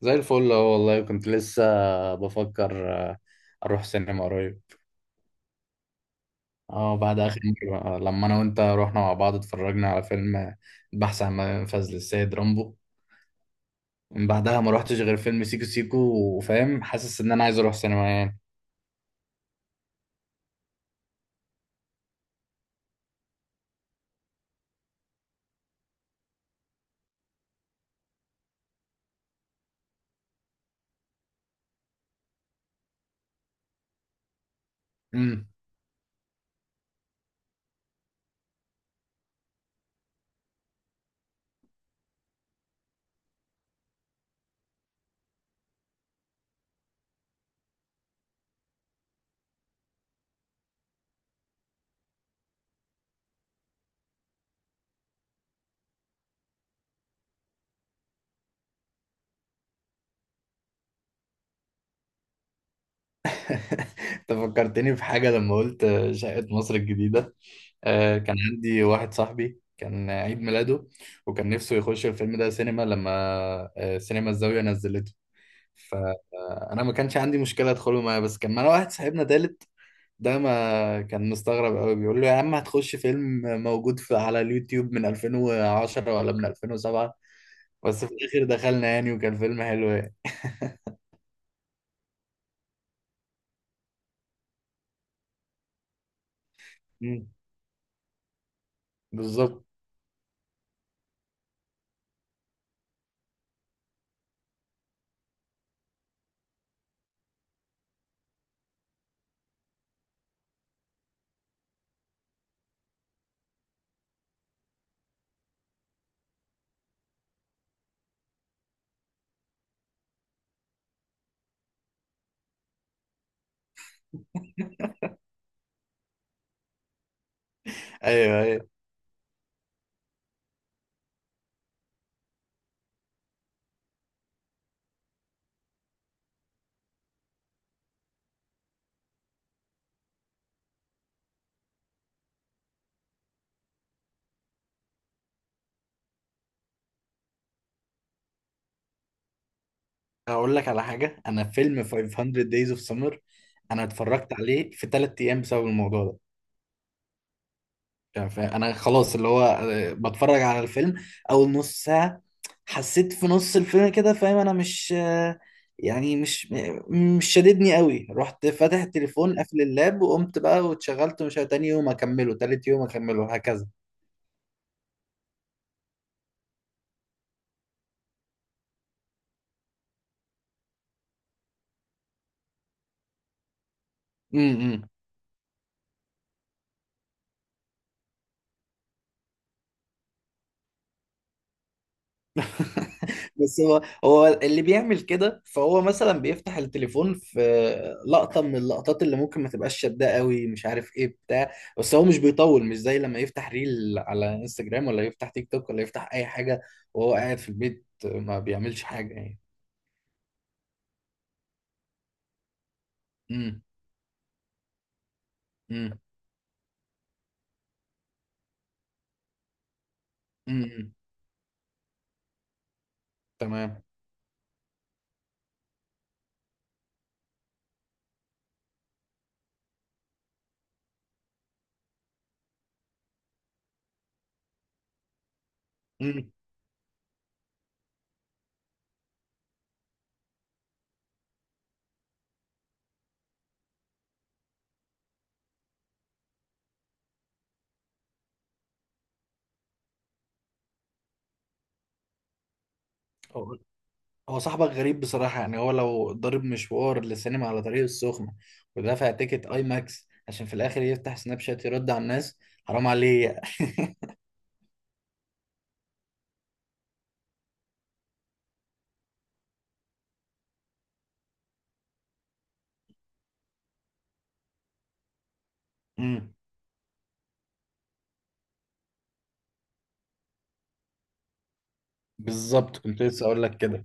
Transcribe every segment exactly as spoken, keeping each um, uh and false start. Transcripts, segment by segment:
زي الفل اهو والله، كنت لسه بفكر آه، اروح سينما قريب. اه، بعد اخر مرة، آه، لما انا وانت رحنا مع بعض اتفرجنا على فيلم آه، البحث عن منفذ للسيد رامبو. من بعدها ما روحتش غير فيلم سيكو سيكو، وفاهم حاسس ان انا عايز اروح سينما يعني. امم. انت فكرتني في حاجة لما قلت آه، شقة مصر الجديدة. آه، كان عندي واحد صاحبي كان عيد ميلاده، وكان نفسه يخش الفيلم ده سينما، لما آه، سينما الزاوية نزلته. فانا ما كانش عندي مشكله ادخله معايا، بس كان معانا واحد صاحبنا تالت، ده ما كان مستغرب قوي بيقول له يا عم هتخش فيلم موجود في على اليوتيوب من ألفين وعشرة ولا من ألفين وسبعة. بس في الاخر دخلنا يعني، وكان فيلم حلو يعني. مم. بالظبط. ايوه، ايوه. هقول لك على حاجه، انا فيلم فايف هاندرد Days of Summer انا اتفرجت عليه في ثلاث ايام بسبب الموضوع ده. يعني فا- انا خلاص، اللي هو آه، بتفرج على الفيلم اول نص ساعة، حسيت في نص الفيلم كده فاهم انا مش، آه، يعني مش م- مش شاددني قوي، رحت فاتح التليفون قافل اللاب وقمت بقى واتشغلت مش عارف. تاني يوم اكمله، تالت يوم اكمله، هكذا. امم. بس هو هو اللي بيعمل كده، فهو مثلا بيفتح التليفون في لقطة من اللقطات اللي ممكن ما تبقاش شداه قوي، مش عارف ايه بتاع. بس هو مش بيطول، مش زي لما يفتح ريل على انستجرام، ولا يفتح تيك توك، ولا يفتح اي حاجة، وهو قاعد في البيت ما بيعملش حاجة يعني. امم، امم، امم. تمام. امم. هو هو صاحبك غريب بصراحة، يعني هو لو ضرب مشوار للسينما على طريق السخنة، ودفع تيكت اي ماكس عشان في الاخر يفتح سناب شات يرد على الناس، حرام عليه. امم، بالظبط، كنت لسه اقول لك كده.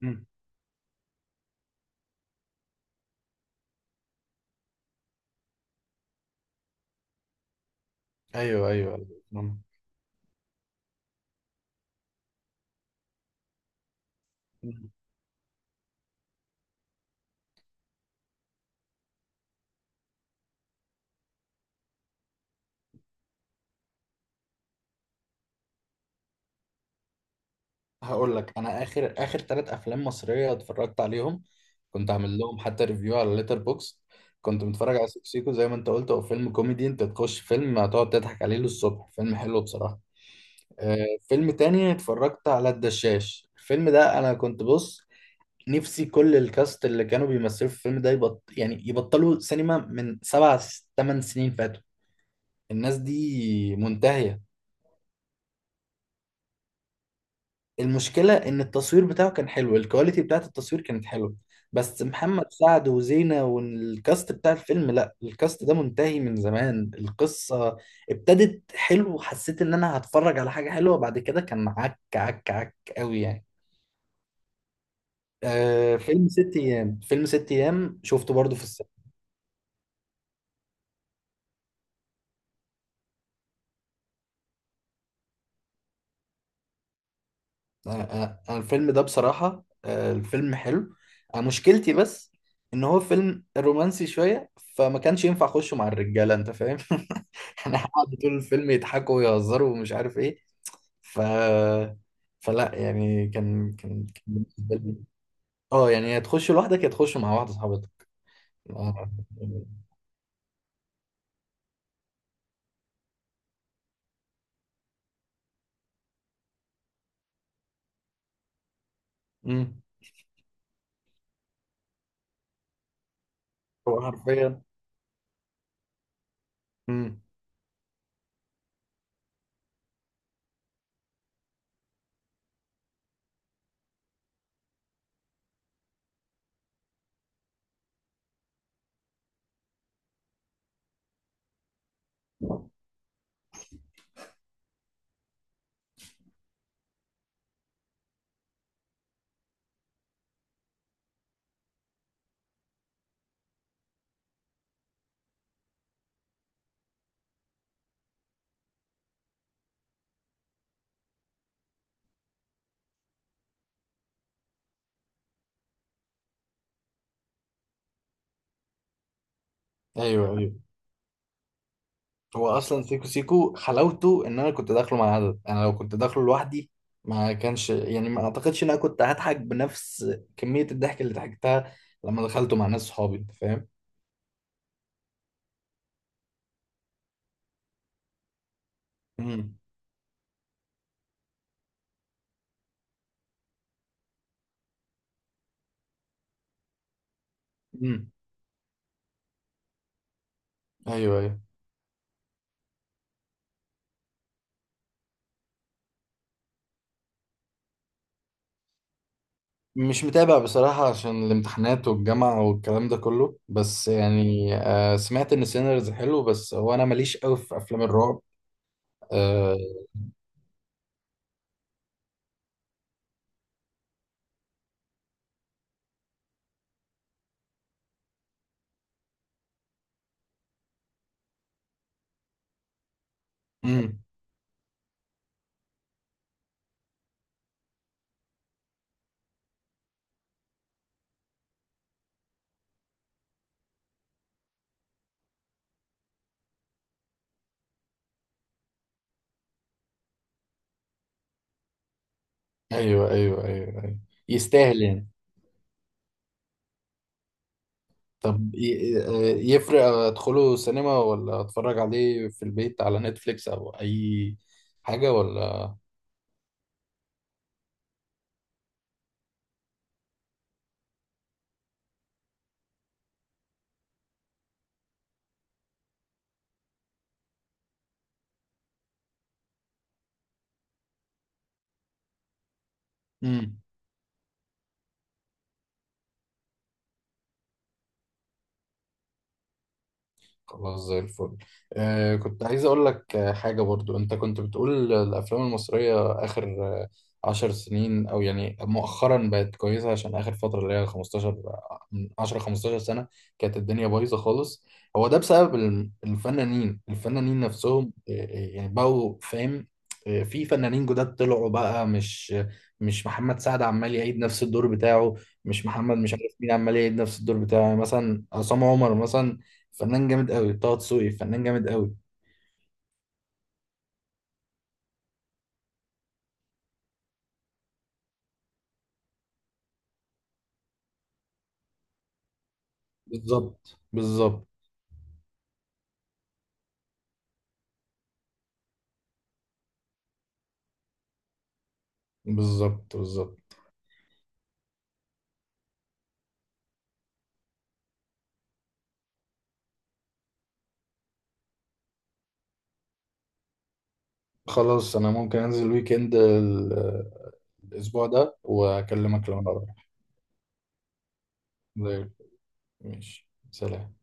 مم. ايوه، ايوه، أيوة. مم. مم. هقول لك، انا اخر اخر ثلاث افلام مصريه اتفرجت عليهم، كنت عامل لهم حتى ريفيو على ليتر بوكس. كنت متفرج على سيكو سيكو، زي ما انت قلت هو فيلم كوميدي، انت تخش فيلم هتقعد تضحك عليه للصبح، فيلم حلو بصراحه. آه، فيلم تاني اتفرجت على الدشاش. الفيلم ده انا كنت بص نفسي كل الكاست اللي كانوا بيمثلوا في الفيلم ده يبط يعني يبطلوا سينما من سبع ثمان سنين فاتوا، الناس دي منتهيه. المشكلة إن التصوير بتاعه كان حلو، الكواليتي بتاعت التصوير كانت حلوة، بس محمد سعد وزينة والكاست بتاع الفيلم لا، الكاست ده منتهي من زمان. القصة ابتدت حلو وحسيت إن أنا هتفرج على حاجة حلوة، بعد كده كان عك عك عك قوي يعني. آه، فيلم ست أيام، فيلم ست أيام شفته برضو في السينما. انا أنا الفيلم ده بصراحة، آه، الفيلم حلو. أنا مشكلتي بس ان هو فيلم رومانسي شوية، فما كانش ينفع اخشه مع الرجالة، انت فاهم؟ احنا قعدوا طول الفيلم يضحكوا ويهزروا ومش عارف ايه. ف فلا يعني، كان كان كان بالنسبة لي، اه يعني، يا تخش لوحدك، يا تخش مع واحدة صاحبتك. آه. امم. هو حرفيا. امم. ايوه، ايوه. هو اصلا سيكو سيكو حلاوته ان انا كنت داخله مع عدد، انا لو كنت داخله لوحدي ما كانش، يعني ما اعتقدش ان انا كنت هضحك بنفس كمية الضحك اللي ضحكتها لما دخلته مع ناس صحابي، انت فاهم؟ امم، امم. ايوه، ايوه. مش متابع بصراحة عشان الامتحانات والجامعة والكلام ده كله، بس يعني آه، سمعت ان سينرز حلو، بس هو انا ماليش قوي في افلام الرعب. آه. امم. ايوه، ايوه، ايوه، ايوه. يستاهل يعني. طب ي- ي- يفرق ادخله سينما، ولا اتفرج عليه في البيت على نتفليكس او اي حاجة، ولا؟ مم. خلاص، زي الفل. آه، كنت عايز اقول لك آه، حاجة برضو، انت كنت بتقول الافلام المصرية اخر آه، عشر سنين، او يعني مؤخرا بقت كويسة، عشان اخر فترة اللي هي خمستاشر، من عشر، خمسة عشر سنة كانت الدنيا بايظة خالص. هو ده بسبب ال- الفنانين الفنانين نفسهم، آه، آه، يعني بقوا فاهم، آه، في فنانين جداد طلعوا بقى، مش مش محمد سعد عمال يعيد نفس الدور بتاعه، مش محمد مش عارف مين عمال يعيد نفس الدور بتاعه، يعني مثلا عصام عمر مثلا فنان جامد قوي، طه دسوقي فنان جامد قوي. بالظبط، بالظبط. بالظبط، بالظبط. خلاص، انا ممكن انزل ويكند ال- الاسبوع ده واكلمك لو انا رايح. زي الفل. ماشي، سلام.